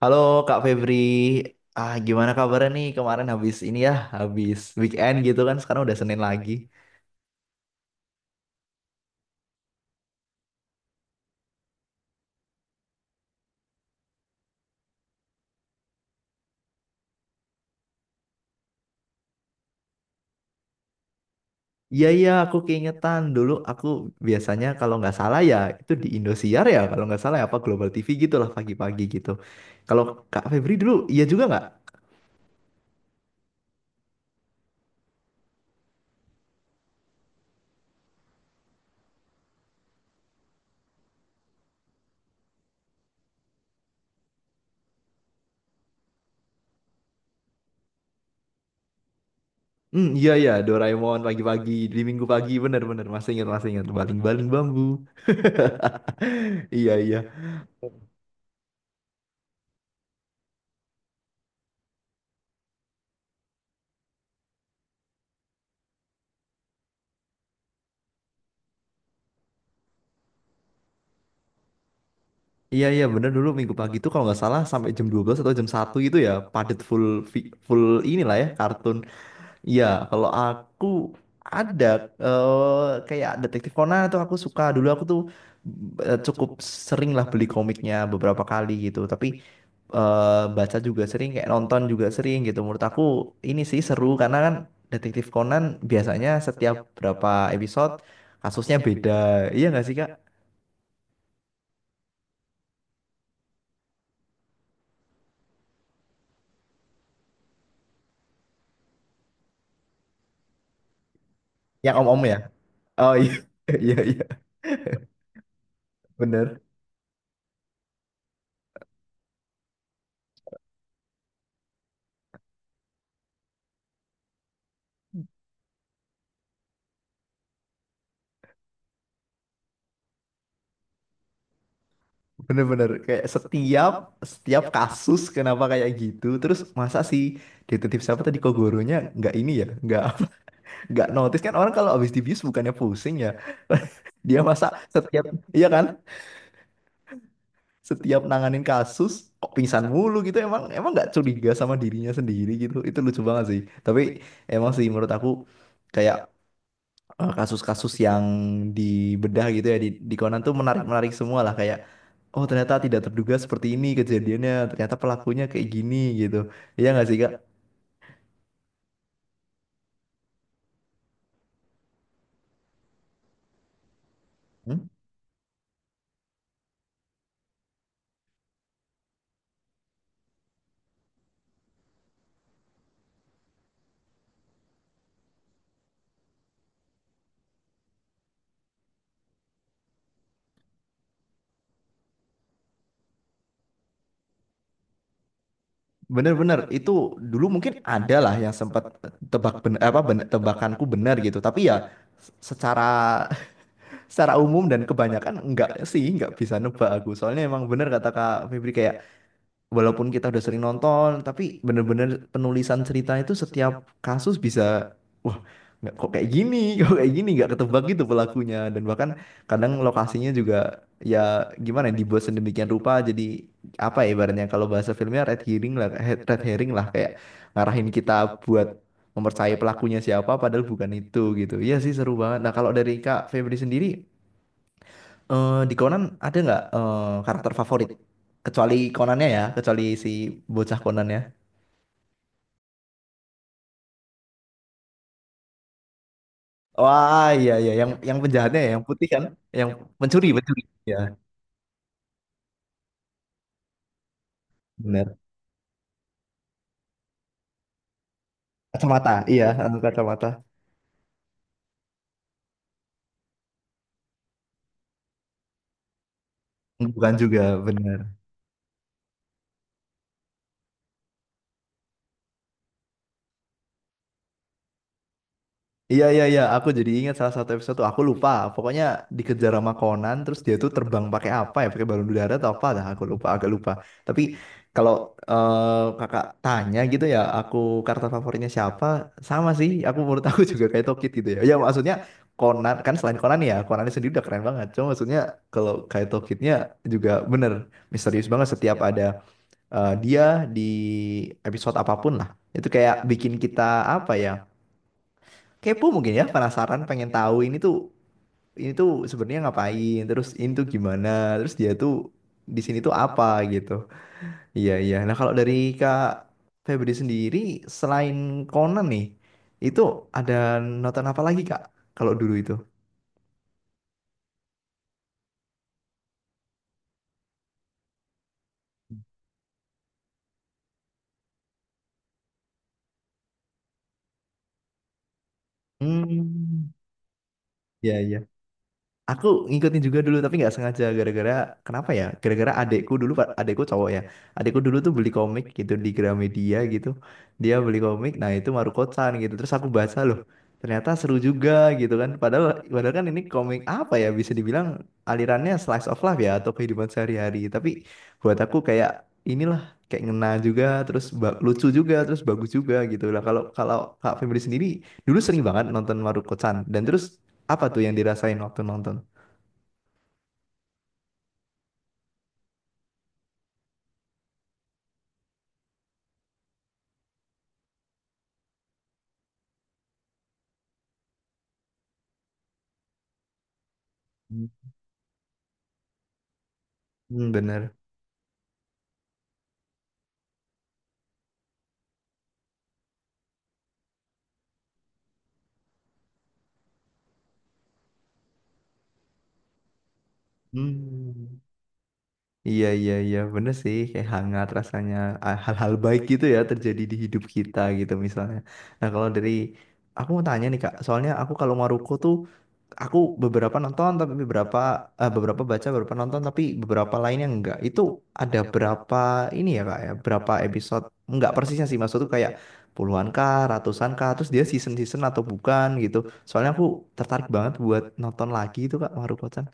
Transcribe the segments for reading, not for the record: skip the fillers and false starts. Halo Kak Febri, gimana kabarnya nih kemarin habis ini ya, habis weekend gitu kan sekarang udah Senin lagi. Iya iya, aku keingetan dulu aku biasanya kalau nggak salah ya itu di Indosiar ya kalau nggak salah ya, apa Global TV gitu lah pagi-pagi gitu. Kalau Kak Febri dulu iya juga nggak? Hmm, iya iya, Doraemon pagi-pagi di Minggu pagi bener-bener masih ingat baling-baling bambu. Iya iya. Iya iya bener, dulu minggu pagi itu kalau nggak salah sampai jam 12 atau jam 1 gitu ya padet full full inilah ya kartun. Iya, kalau aku ada kayak Detektif Conan tuh aku suka, dulu aku tuh cukup sering lah beli komiknya beberapa kali gitu, tapi baca juga sering kayak nonton juga sering gitu. Menurut aku ini sih seru karena kan Detektif Conan biasanya setiap berapa episode kasusnya beda, iya nggak sih Kak? Yang om-om ya? Oh iya. Iya iya bener. Bener-bener kayak setiap setiap kasus kenapa kayak gitu terus, masa sih detektif siapa tadi, Kogoronya nggak ini ya, nggak notice kan orang kalau habis dibius bukannya pusing ya. Dia masa setiap, iya kan, setiap nanganin kasus kok pingsan mulu gitu, emang emang nggak curiga sama dirinya sendiri gitu, itu lucu banget sih. Tapi emang sih menurut aku kayak kasus-kasus yang dibedah gitu ya di Conan tuh menarik-menarik semua lah, kayak oh ternyata tidak terduga seperti ini kejadiannya. Ternyata pelakunya kayak gini gitu. Iya nggak sih Kak? Hmm? Bener-bener itu dulu mungkin ada lah yang sempat tebakanku benar gitu. Tapi ya secara, secara umum dan kebanyakan enggak sih, nggak bisa nebak aku. Soalnya emang bener kata Kak Febri, kayak walaupun kita udah sering nonton, tapi bener-bener penulisan cerita itu setiap kasus bisa, wah, nggak, kok kayak gini, kok kayak gini, nggak ketebak gitu pelakunya. Dan bahkan kadang lokasinya juga ya, gimana ya, dibuat sedemikian rupa jadi apa ya, ibaratnya kalau bahasa filmnya red herring lah, red herring lah, kayak ngarahin kita buat mempercayai pelakunya siapa padahal bukan itu gitu. Iya sih, seru banget. Nah kalau dari Kak Febri sendiri, di Conan ada nggak karakter favorit? Kecuali Conannya ya, kecuali si bocah Conannya. Wah, iya iya, yang penjahatnya ya, yang putih kan, yang mencuri, mencuri. Iya, benar. Kacamata, iya, kacamata. Bukan juga, benar. Iya iya iya, aku jadi ingat salah satu episode tuh aku lupa. Pokoknya dikejar sama Conan, terus dia tuh terbang pakai apa ya? Pakai balon udara atau apa? Dah aku lupa, agak lupa. Tapi kalau kakak tanya gitu ya, aku karakter favoritnya siapa? Sama sih, aku menurut aku juga kayak Tokid gitu ya. Ya maksudnya Conan kan, selain Conan ya, Conan sendiri udah keren banget. Cuma maksudnya kalau kayak Tokidnya juga bener misterius banget setiap ada dia di episode apapun lah. Itu kayak bikin kita apa ya, kepo mungkin ya, penasaran pengen tahu ini tuh, ini tuh sebenarnya ngapain, terus ini tuh gimana, terus dia tuh di sini tuh apa gitu. Iya iya. Nah kalau dari Kak Febri sendiri selain Conan nih, itu ada nonton apa lagi Kak kalau dulu itu? Hmm, iya iya. Aku ngikutin juga dulu tapi nggak sengaja, gara-gara kenapa ya? Gara-gara adekku dulu Pak, adekku cowok ya. Adekku dulu tuh beli komik gitu di Gramedia gitu. Dia beli komik, nah itu Maruko-chan gitu. Terus aku baca loh. Ternyata seru juga gitu kan. Padahal padahal kan ini komik apa ya, bisa dibilang alirannya slice of life ya, atau kehidupan sehari-hari. Tapi buat aku kayak inilah, kayak ngena juga terus ba- lucu juga terus bagus juga gitu lah. Kalau kalau Kak Febri sendiri dulu sering banget nonton Maruko-chan, dan terus apa tuh yang dirasain waktu nonton? Hmm, bener. Hmm. Iya, iya, iya, bener sih. Kayak hangat rasanya, ah, hal-hal baik gitu ya terjadi di hidup kita gitu misalnya. Nah, kalau dari aku mau tanya nih Kak, soalnya aku kalau Maruko tuh aku beberapa nonton tapi beberapa beberapa baca, beberapa nonton tapi beberapa lainnya enggak. Itu ada berapa ini ya Kak ya? Berapa episode? Enggak persisnya sih, maksud tuh kayak puluhan kah, ratusan kah, terus dia season-season atau bukan gitu. Soalnya aku tertarik banget buat nonton lagi itu Kak, Maruko-chan.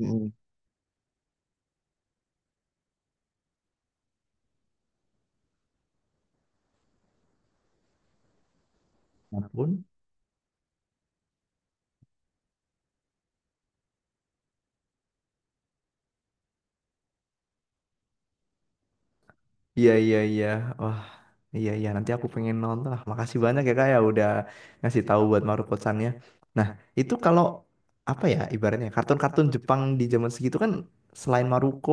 Mm-mm. Manapun. Iya, iya, iya. Wah, iya, iya. Nanti aku pengen nonton lah. Makasih banyak ya Kak, ya udah ngasih tahu buat Maruko-sannya. Nah, itu kalau apa ya, ibaratnya kartun-kartun Jepang di zaman segitu kan, selain Maruko,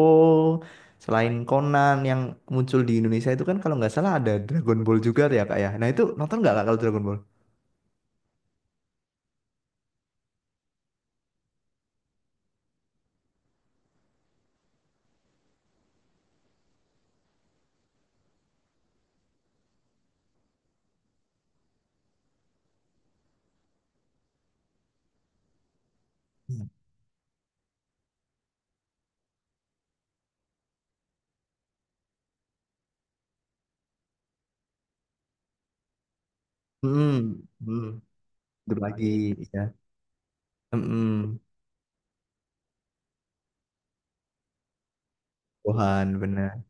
selain Conan yang muncul di Indonesia itu kan kalau nggak salah ada Dragon Ball juga ya Kak ya. Nah, itu nonton nggak Kak, kalau Dragon Ball? Hmm, hmm. Itu lagi, ya. Hmm, hmm. Gohan, benar.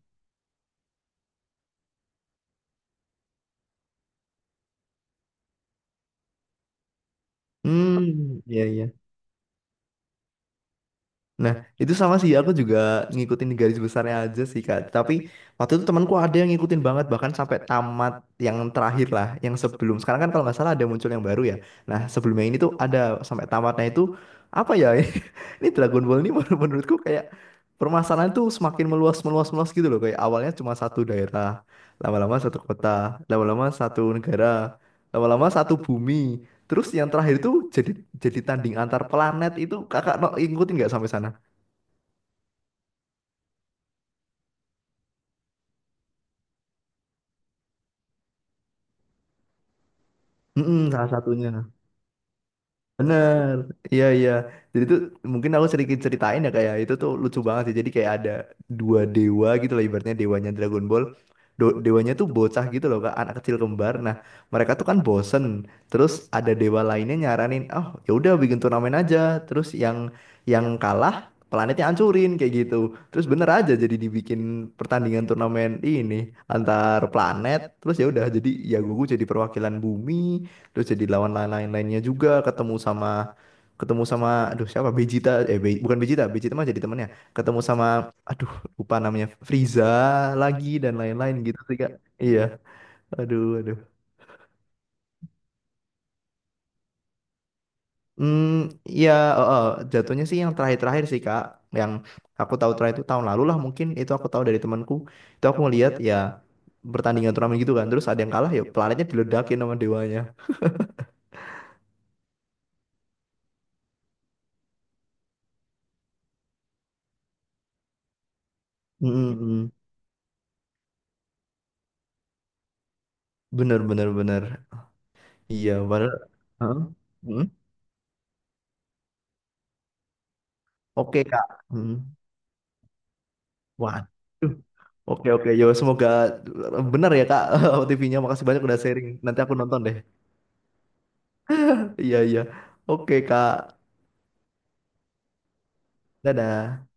Hmm, iya, iya. Nah, itu sama sih, aku juga ngikutin di garis besarnya aja sih Kak. Tapi waktu itu temanku ada yang ngikutin banget, bahkan sampai tamat, yang terakhir lah, yang sebelum. Sekarang kan kalau nggak salah ada muncul yang baru ya. Nah, sebelumnya ini tuh ada sampai tamatnya itu, apa ya, ini Dragon Ball ini menurutku kayak permasalahan tuh semakin meluas, meluas, meluas gitu loh. Kayak awalnya cuma satu daerah, lama-lama satu kota, lama-lama satu negara, lama-lama satu bumi. Terus yang terakhir tuh jadi tanding antar planet itu, kakak no, ngikutin nggak sampai sana? Mm-mm, salah satunya. Bener. Iya, iya. Jadi tuh mungkin aku sedikit ceritain ya, kayak itu tuh lucu banget sih. Jadi kayak ada dua dewa gitu loh, ibaratnya dewanya Dragon Ball. Dewanya tuh bocah gitu loh Kak, anak kecil kembar. Nah, mereka tuh kan bosen. Terus ada dewa lainnya nyaranin, "Oh, ya udah bikin turnamen aja." Terus yang kalah planetnya hancurin kayak gitu. Terus bener aja, jadi dibikin pertandingan turnamen ini antar planet. Terus ya udah, jadi ya Goku jadi perwakilan bumi, terus jadi lawan lain-lainnya, lain juga ketemu sama aduh siapa Vegeta, eh, bukan Vegeta, Vegeta mah jadi temannya, ketemu sama aduh lupa namanya, Frieza lagi dan lain-lain gitu sih Kak. Iya, aduh aduh. Hmm, ya. Oh, oh, jatuhnya sih yang terakhir-terakhir sih Kak, yang aku tahu terakhir itu tahun lalu lah mungkin. Itu aku tahu dari temanku, itu aku ngeliat ya pertandingan turnamen gitu kan, terus ada yang kalah ya planetnya diledakin sama dewanya. Mm, mm, mm. Bener bener bener. Iya padahal. Hah? Mm? Oke kak. Hmm. Waduh. Oke oke yo, semoga benar ya kak, TV-nya. Makasih banyak udah sharing. Nanti aku nonton deh. Iya iya. Oke kak. Dadah.